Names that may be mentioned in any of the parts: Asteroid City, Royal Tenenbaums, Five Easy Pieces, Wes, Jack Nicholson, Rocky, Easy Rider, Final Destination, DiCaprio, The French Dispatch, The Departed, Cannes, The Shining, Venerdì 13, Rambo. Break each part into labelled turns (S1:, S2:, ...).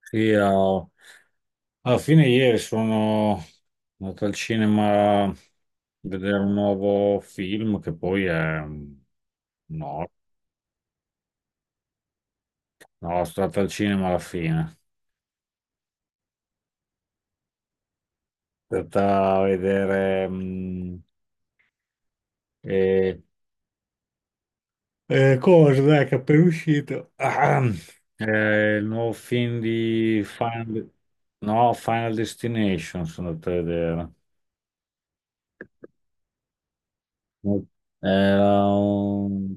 S1: Sì, alla fine ieri sono andato al cinema a vedere un nuovo film No, no, sono stato al cinema alla fine. Sono andato a vedere, eh, cosa, dai, che è appena uscito. Ah, il nuovo film di Final. No, Final Destination sono andato a vedere. Era un.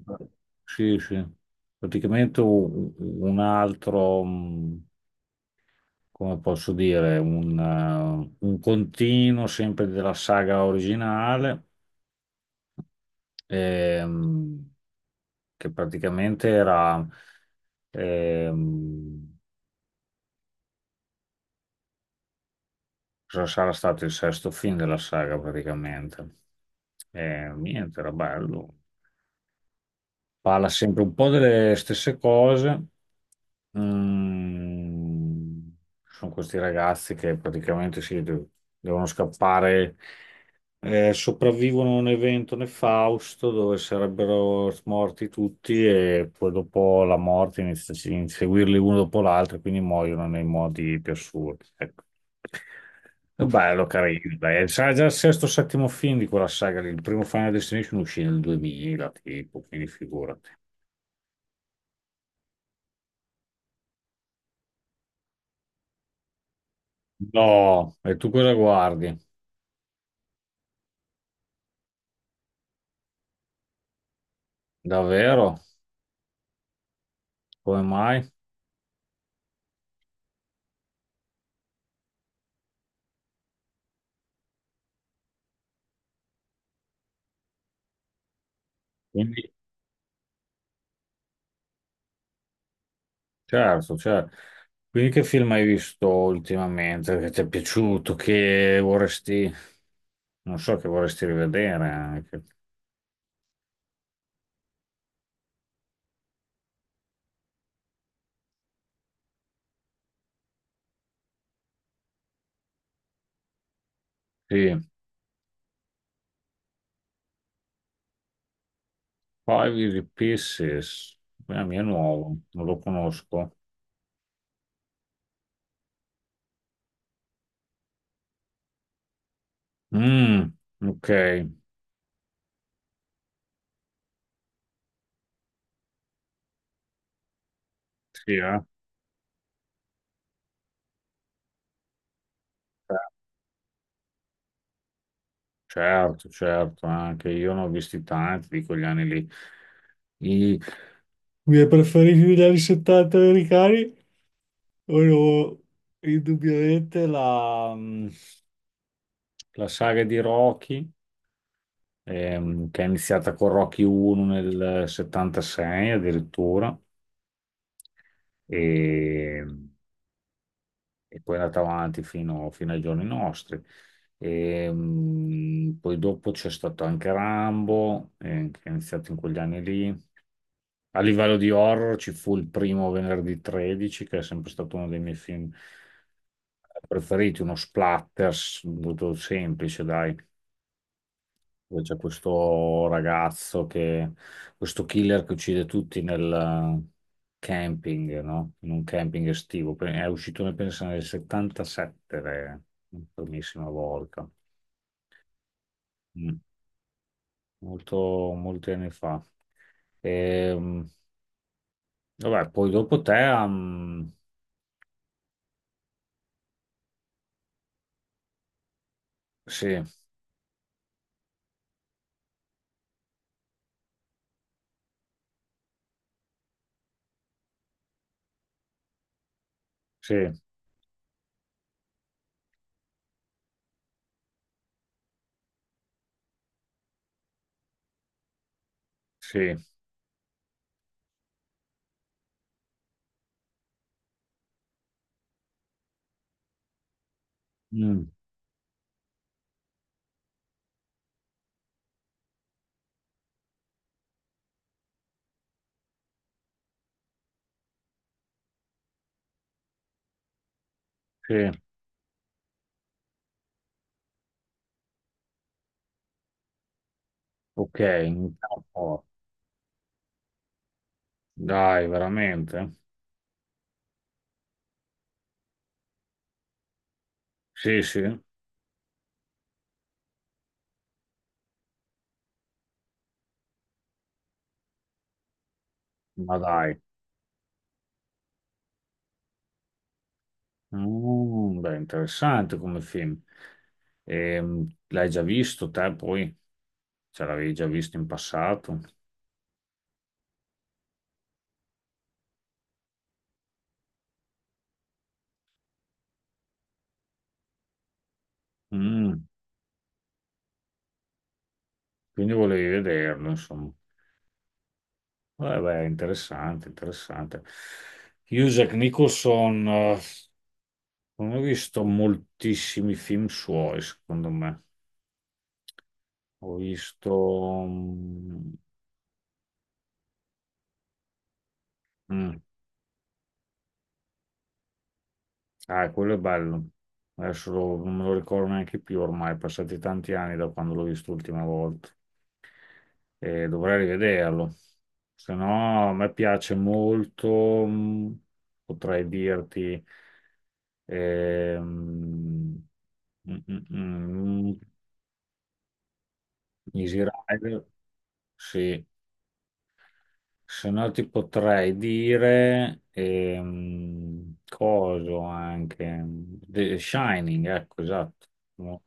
S1: Sì, sì. Praticamente un altro, come posso dire, un continuo sempre della saga originale, ehm, che praticamente era, ehm, cosa sarà stato il sesto film della saga praticamente. E niente, era bello. Parla sempre un po' delle stesse cose. Mm, Sono questi ragazzi che praticamente devono scappare, sopravvivono a un evento nefausto dove sarebbero morti tutti e poi dopo la morte inizia a inseguirli uno dopo l'altro e quindi muoiono nei modi più assurdi. Ecco. È bello, carino. Dai. Sarà già il sesto o settimo film di quella saga lì. Il primo Final Destination uscì nel 2000, tipo, quindi figurati. No, e tu cosa guardi? Davvero? Come mai? Quindi, certo, certo. Quindi che film hai visto ultimamente che ti è piaciuto, che vorresti, non so, che vorresti rivedere anche? Sì, Five Easy Pieces, la mia è nuovo, non lo conosco. Mm, ok, sì, eh. Certo, certo, anche io ne ho visti tanti di quegli anni lì. I miei preferiti degli anni 70 americani. Allora, indubbiamente la saga di Rocky, che è iniziata con Rocky 1 nel 76 addirittura, e, e poi è andata avanti fino ai giorni nostri. E, poi dopo c'è stato anche Rambo, che è iniziato in quegli anni lì. A livello di horror ci fu il primo Venerdì 13, che è sempre stato uno dei miei film preferiti, uno splatter molto semplice, dai. Dove c'è questo killer che uccide tutti nel camping, no? In un camping estivo. È uscito, ne penso, nel 77, la primissima volta. Mm. Molti anni fa. Ehm, vabbè, poi dopo te, sì, sì, sì, mm, sì, ok, un po'. Dai, veramente? Sì, sì, ma dai. Beh, interessante come film. L'hai già visto te poi? Ce l'avevi già visto in passato? Mm, quindi volevi vederlo, insomma. Beh, beh, interessante, interessante. Io, Jack Nicholson, non ho visto moltissimi film suoi, secondo me. Ho visto. mm, mm, ah, quello è bello. Adesso non me lo ricordo neanche più ormai, passati tanti anni da quando l'ho visto l'ultima volta. E dovrei rivederlo. Se no, a me piace molto, potrei dirti, ehm, mm, mm, mm, mm, Easy Rider, sì, se no ti potrei dire coso anche The Shining, ecco, esatto, no?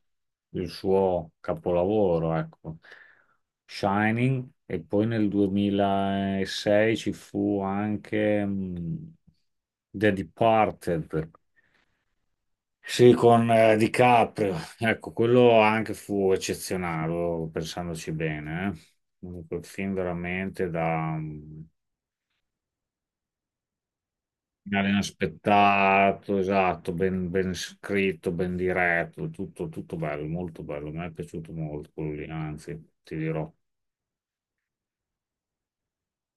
S1: Il suo capolavoro, ecco. Shining e poi nel 2006 ci fu anche The Departed. Sì, con DiCaprio. Ecco, quello anche fu eccezionale, oh, pensandoci bene, eh. Quel film veramente da, finale inaspettato, esatto, ben scritto, ben diretto, tutto, tutto bello, molto bello. Mi è piaciuto molto quello lì, anzi, ti dirò, è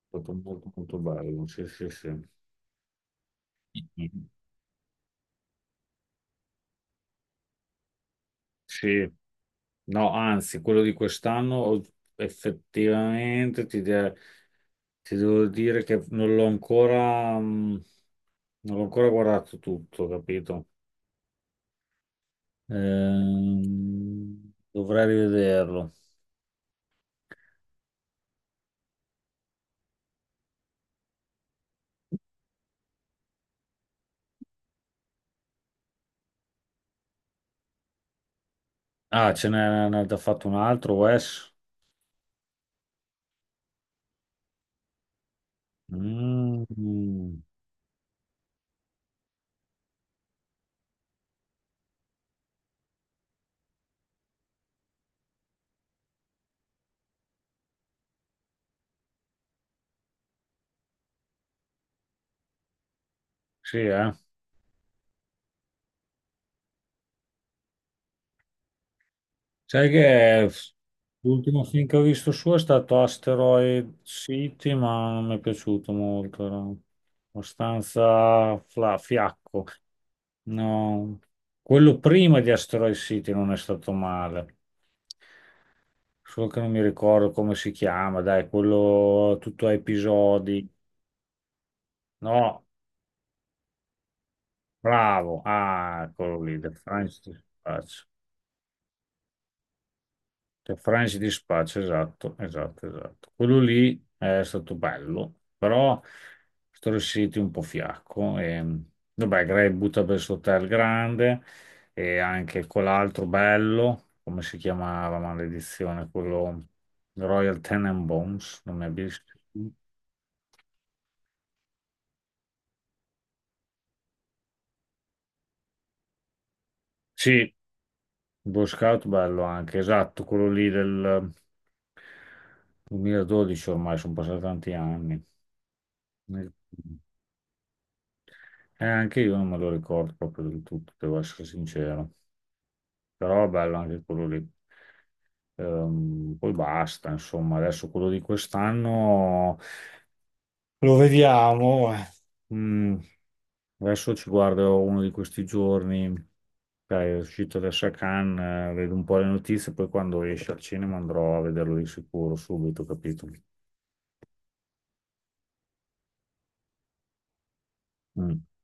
S1: stato molto, molto bello. Sì, sì, sì. Sì. No, anzi, quello di quest'anno effettivamente ti devo dire che non l'ho ancora guardato tutto, capito? Ehm, Dovrei rivederlo. Ah, ce n'è ne ha già fatto un altro, Wes. Mm, sì, eh. Sai che l'ultimo film che ho visto suo è stato Asteroid City, ma non mi è piaciuto molto. Era abbastanza fiacco. No, quello prima di Asteroid City non è stato male. Solo che non mi ricordo come si chiama, dai, quello tutto a episodi. No, bravo. Ah, quello lì, The French Dispatch. Cioè, Franci di spaccio, esatto, esatto, esatto. Quello lì è stato bello, però sono riusciti un po' fiacco. E, vabbè, Gray butta per il suo hotel grande e anche quell'altro bello, come si chiamava, maledizione, quello Royal Tenenbaums, non mi abbia. Sì, Boy Scout bello anche, esatto, quello lì del 2012 ormai, sono passati tanti anni. Anche io non me lo ricordo proprio del tutto, devo essere sincero. Però bello anche quello lì. Poi basta, insomma, adesso quello di quest'anno lo vediamo. Eh. Mm, Adesso ci guardo uno di questi giorni. Dai, è uscito adesso a Cannes, vedo un po' le notizie, poi quando esce al cinema andrò a vederlo di sicuro subito, capito? Mm.